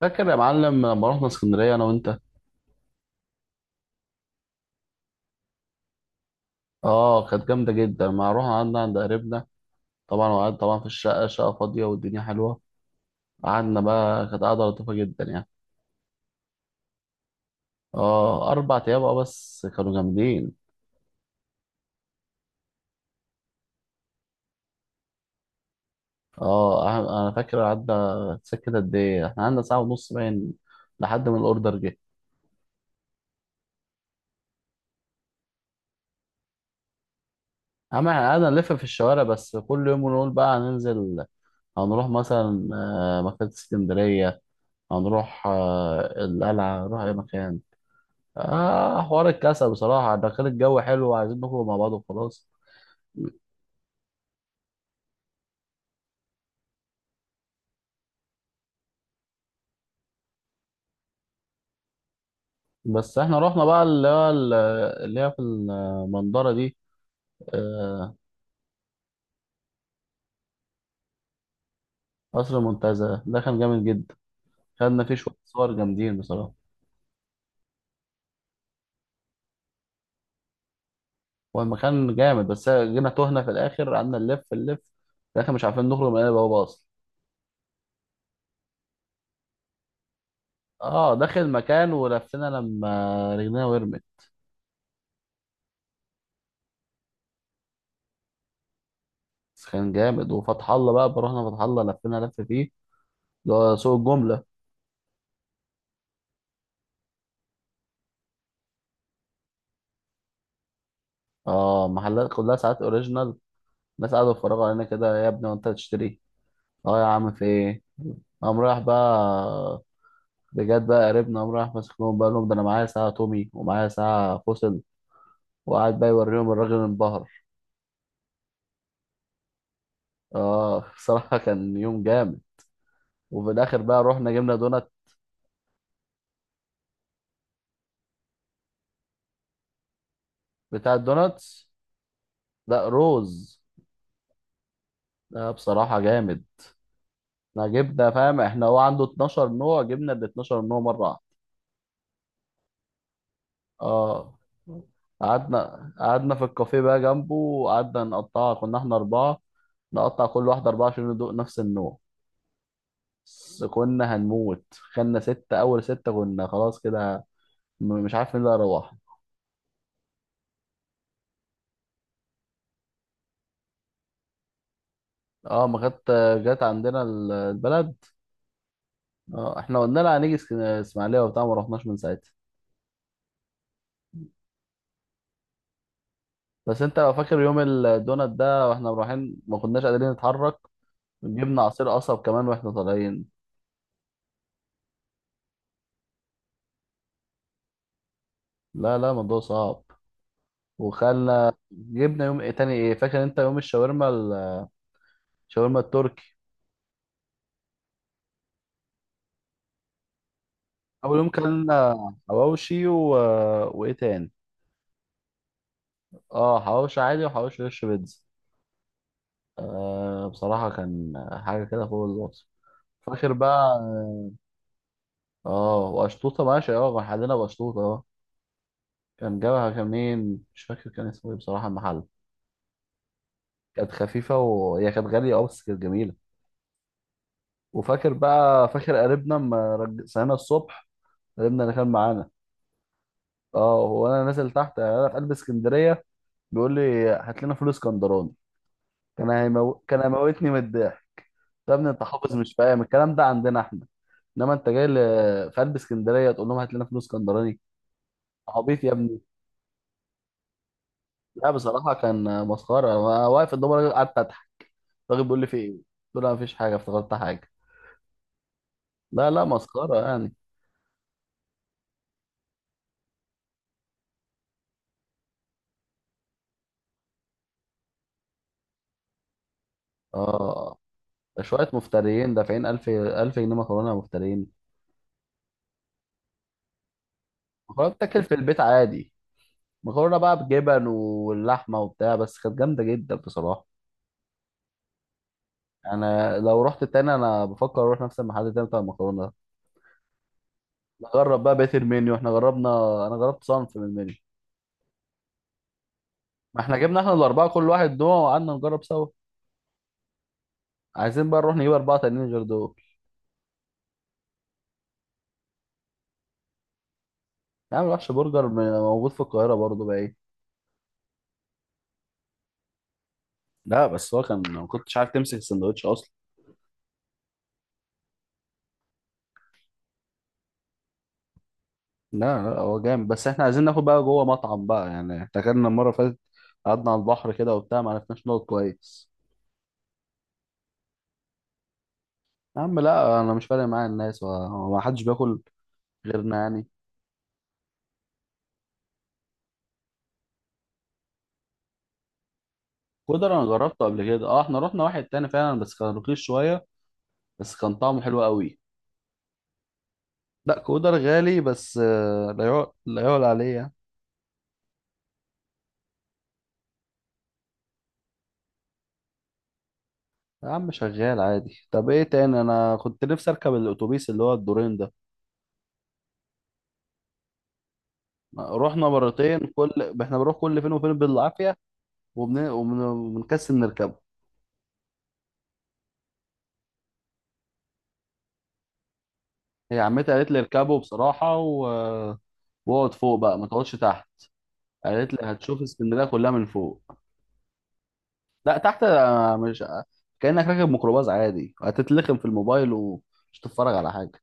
فاكر يا معلم لما رحنا اسكندريه انا وانت؟ اه، كانت جامده جدا. ما رحنا قعدنا عند قريبنا. طبعا وقعدنا طبعا في الشقه، شقه فاضيه والدنيا حلوه. قعدنا بقى، كانت قعده لطيفه جدا يعني. اه، 4 ايام. اه، بس كانوا جامدين. اه، انا فاكر قعدنا سكت قد ايه. احنا قعدنا ساعه ونص باين لحد ما الاوردر جه. اما احنا قعدنا نلف في الشوارع، بس كل يوم نقول بقى هننزل. هنروح مثلا مكتبه اسكندريه. هنروح القلعه، نروح اي مكان. آه، حوار الكسل بصراحة، ده كان الجو حلو وعايزين نخرج مع بعض وخلاص. بس احنا رحنا بقى اللي هو اللي هي في المنظرة دي. آه، قصر المنتزه ده كان جامد جدا. خدنا فيه شوية صور جامدين بصراحة. هو المكان جامد، بس جينا تهنا في الآخر، قعدنا نلف نلف في الآخر مش عارفين نخرج من البوابة أصلا. اه، داخل المكان ولفينا لما رجلينا ورمت. بس كان جامد، وفتح الله بقى رحنا فتح الله لفينا لف فيه، اللي هو سوق الجملة. اه، محلات كلها ساعات اوريجينال. الناس قاعدة بتتفرج علينا كده، يا ابني وانت هتشتري؟ اه يا عم، في ايه؟ قام رايح بقى. بجد بقى قريبنا قام رايح ماسك لهم بقى لهم، ده انا معايا ساعة تومي ومعايا ساعة فوسل، وقعد بقى يوريهم، الراجل انبهر. اه، صراحة كان يوم جامد. وفي الآخر بقى رحنا جبنا دونات، بتاع الدوناتس. لا، روز. لا بصراحة جامد. احنا جبنا، فاهم، احنا هو عنده 12 نوع، جبنا ال 12 نوع مرة واحدة. اه. قعدنا في الكافيه بقى جنبه، وقعدنا نقطعها، كنا احنا أربعة، نقطع كل واحدة أربعة عشان ندوق نفس النوع. بس كنا هنموت، خدنا ستة، أول ستة كنا خلاص كده. مش عارف مين اللي هيروح. اه، ما كانت جت عندنا البلد. اه، احنا قلنا لها هنيجي اسماعيلية وبتاع، ما رحناش من ساعتها. بس انت لو فاكر يوم الدونات ده واحنا رايحين، ما كناش قادرين نتحرك. جبنا عصير قصب كمان واحنا طالعين. لا لا، الموضوع صعب. وخلى جبنا يوم إيه تاني؟ ايه فاكر انت؟ يوم الشاورما الشاورما التركي. اول يوم كلنا حواوشي وايه تاني؟ اه، حواوشي عادي، وحواوشي وش بيتزا. آه بصراحة، كان حاجة كده فوق الوصف. فاكر بقى. اه، واشطوطة ماشي، اه كان حدنا باشطوطة اه. كان جابها كان مين مش فاكر كان اسمه ايه بصراحة المحل. كانت خفيفة وهي كانت غالية، اه بس كانت جميلة. وفاكر بقى، فاكر قريبنا لما صحينا الصبح، قريبنا اللي كان معانا. اه، هو انا نازل تحت، يعني انا في قلب اسكندريه، بيقول لي هات لنا فول اسكندراني. كان هيموتني من الضحك. طب يا ابني انت حافظ مش فاهم، الكلام ده عندنا احنا. انما انت جاي في قلب اسكندريه تقول لهم هات لنا فول اسكندراني؟ عبيط يا ابني. لا بصراحه كان مسخره، انا واقف قدام الراجل قعدت اضحك، الراجل بيقول لي في ايه. قلت له ما فيش حاجه، افتكرت حاجه. لا لا، مسخره يعني. اه، ده شويه مفتريين دافعين 1000 1000 جنيه مكرونه، مفتريين. مكرونه بتاكل في البيت عادي، مكرونه بقى بجبن واللحمه وبتاع، بس كانت جامده جدا بصراحه. انا لو رحت تاني، انا بفكر اروح نفس المحل تاني بتاع المكرونه ده. نجرب بقى بقيه المنيو، احنا جربنا، انا جربت صنف من المنيو. ما احنا جبنا، احنا الاربعه كل واحد نوع، وقعدنا نجرب سوا. عايزين بقى نروح نجيب اربعه تانيين غير دول. يعني وحش برجر موجود في القاهره برضه بقى ايه. لا بس هو كان ما كنتش عارف تمسك السندوتش اصلا. لا لا، هو جامد، بس احنا عايزين ناخد بقى جوه مطعم بقى يعني. احنا كنا المره اللي فاتت قعدنا على البحر كده وبتاع، ما عرفناش نقعد كويس. يا عم لا، انا مش فارق معايا الناس، وما حدش بياكل غيرنا يعني. كودر انا جربته قبل كده، اه احنا رحنا واحد تاني فعلا، بس كان رخيص شويه، بس كان طعمه حلو قوي. لا كودر غالي، بس لا يعلى لا يعلى عليه يعني. يا عم شغال عادي. طب ايه تاني؟ انا كنت نفسي اركب الاتوبيس اللي هو الدورين ده. رحنا مرتين، كل احنا بنروح كل فين وفين بالعافيه، وبنكسل نركبه. هي عمتي قالت لي اركبه بصراحه واقعد فوق بقى، ما تقعدش تحت. قالت لي هتشوف اسكندريه كلها من فوق. لا، تحت مش كأنك راكب ميكروباص عادي، هتتلخم في الموبايل ومش تتفرج على حاجة.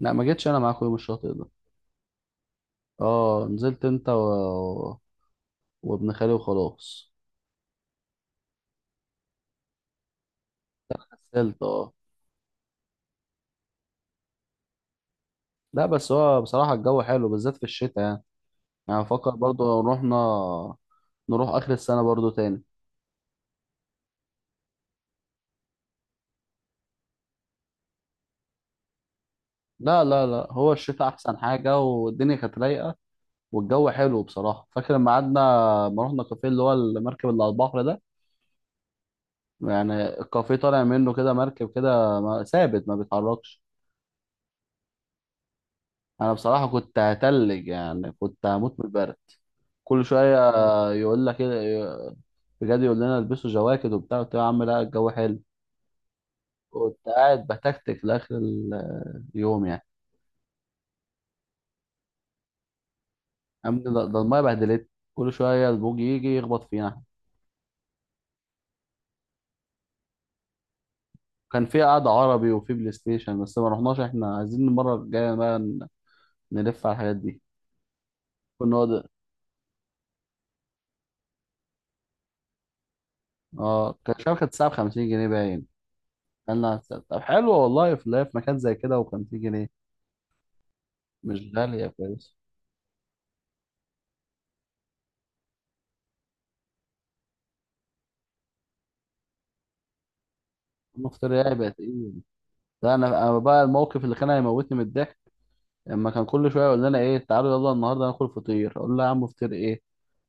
لا ما جيتش انا معاك يوم الشاطئ ده. اه، نزلت انت وابن خالي وخلاص. كسلت، اه. لا بس هو بصراحة الجو حلو بالذات في الشتاء يعني، يعني بفكر برضو لو رحنا نروح آخر السنة برضو تاني. لا لا لا، هو الشتاء أحسن حاجة، والدنيا كانت رايقة، والجو حلو بصراحة. فاكر لما قعدنا، لما رحنا كافيه اللي هو المركب اللي على البحر ده، يعني الكافيه طالع منه كده مركب كده ثابت ما بيتحركش. انا بصراحه كنت هتلج، يعني كنت هموت من البرد. كل شويه يقول لك كده، بجد يقول لنا البسوا جواكت وبتاع، قلت له يا عم لا الجو حلو، كنت قاعد بتكتك لاخر اليوم يعني. ده المايه بهدلت، كل شويه البوج يجي يخبط فينا. كان في قعده عربي وفي بلاي ستيشن، بس ما رحناش، احنا عايزين المره الجايه بقى نلف على الحاجات دي. كنا نقعد، اه كان الشبكه كانت الساعه ب 50 جنيه باين. يلا هتسأل. طب حلو والله، في لا في مكان زي كده وخمسين جنيه؟ مش غالية كويس. المفطر ايه بقت ايه؟ ده انا بقى الموقف اللي كان هيموتني من الضحك. لما كان كل شويه يقول لنا ايه، تعالوا يلا النهارده ناكل فطير، اقول له يا عم فطير ايه،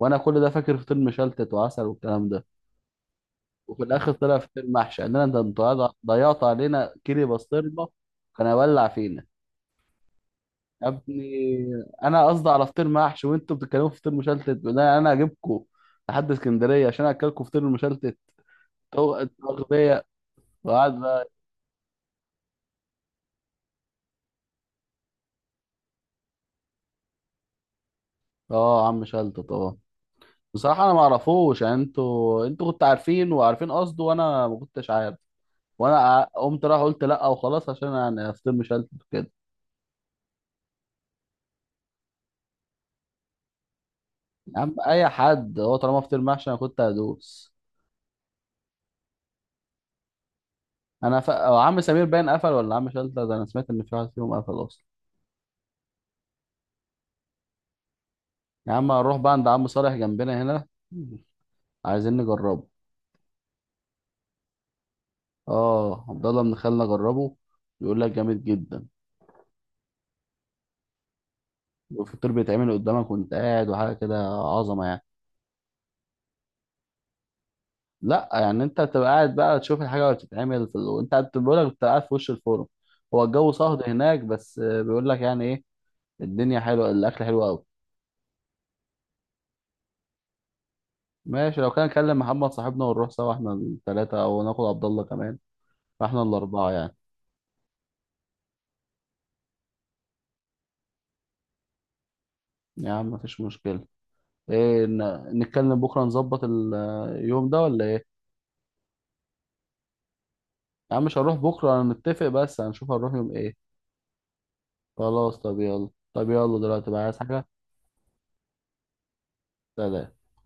وانا كل ده فاكر فطير مشلتت وعسل والكلام ده. وفي الاخر طلع فطير محشي، قال لنا انتوا ضيعت علينا كيري بسطرمه. كان هيولع فينا. يا ابني انا قصدي على فطير محشي، وانتوا بتتكلموا في فطير مشلتت، بيقول لنا انا هجيبكم لحد اسكندريه عشان اكلكم فطير المشلتت. هو انتوا اغبياء؟ وقعد بقى. اه، عم شلت طبعا. بصراحه انا ما اعرفوش يعني، انتوا كنتوا عارفين وعارفين قصده، وانا ما كنتش عارف. وانا قمت رايح قلت لا وخلاص، عشان يعني افطر مشلت كده. يا عم اي حد، هو طالما فطير محشي انا كنت هدوس. انا أو عم سمير باين قفل ولا عم شلت ده، انا سمعت ان في واحد فيهم قفل اصلا. يا عم هنروح بقى عند عم صالح جنبنا هنا، عايزين نجربه. اه، عبد الله بن خالنا جربه، بيقول لك جامد جدا، والفطير بيتعمل قدامك وانت قاعد، وحاجه كده عظمه يعني. لا يعني انت بتبقى قاعد بقى تشوف الحاجه وهي بتتعمل في وانت قاعد بيقول لك بتبقى قاعد في وش الفرن. هو الجو صهد هناك، بس بيقول لك يعني ايه، الدنيا حلوه، الاكل حلو قوي. ماشي، لو كان نكلم محمد صاحبنا ونروح سوا، احنا الثلاثه او ناخد عبد الله كمان، فاحنا الاربعه يعني. يا عم مفيش مشكله. ايه نتكلم بكره نظبط اليوم ده ولا ايه؟ يا عم مش هنروح بكره نتفق، بس هنشوف هنروح يوم ايه. خلاص طب يلا، طب يلا دلوقتي بقى عايز حاجه. سلام.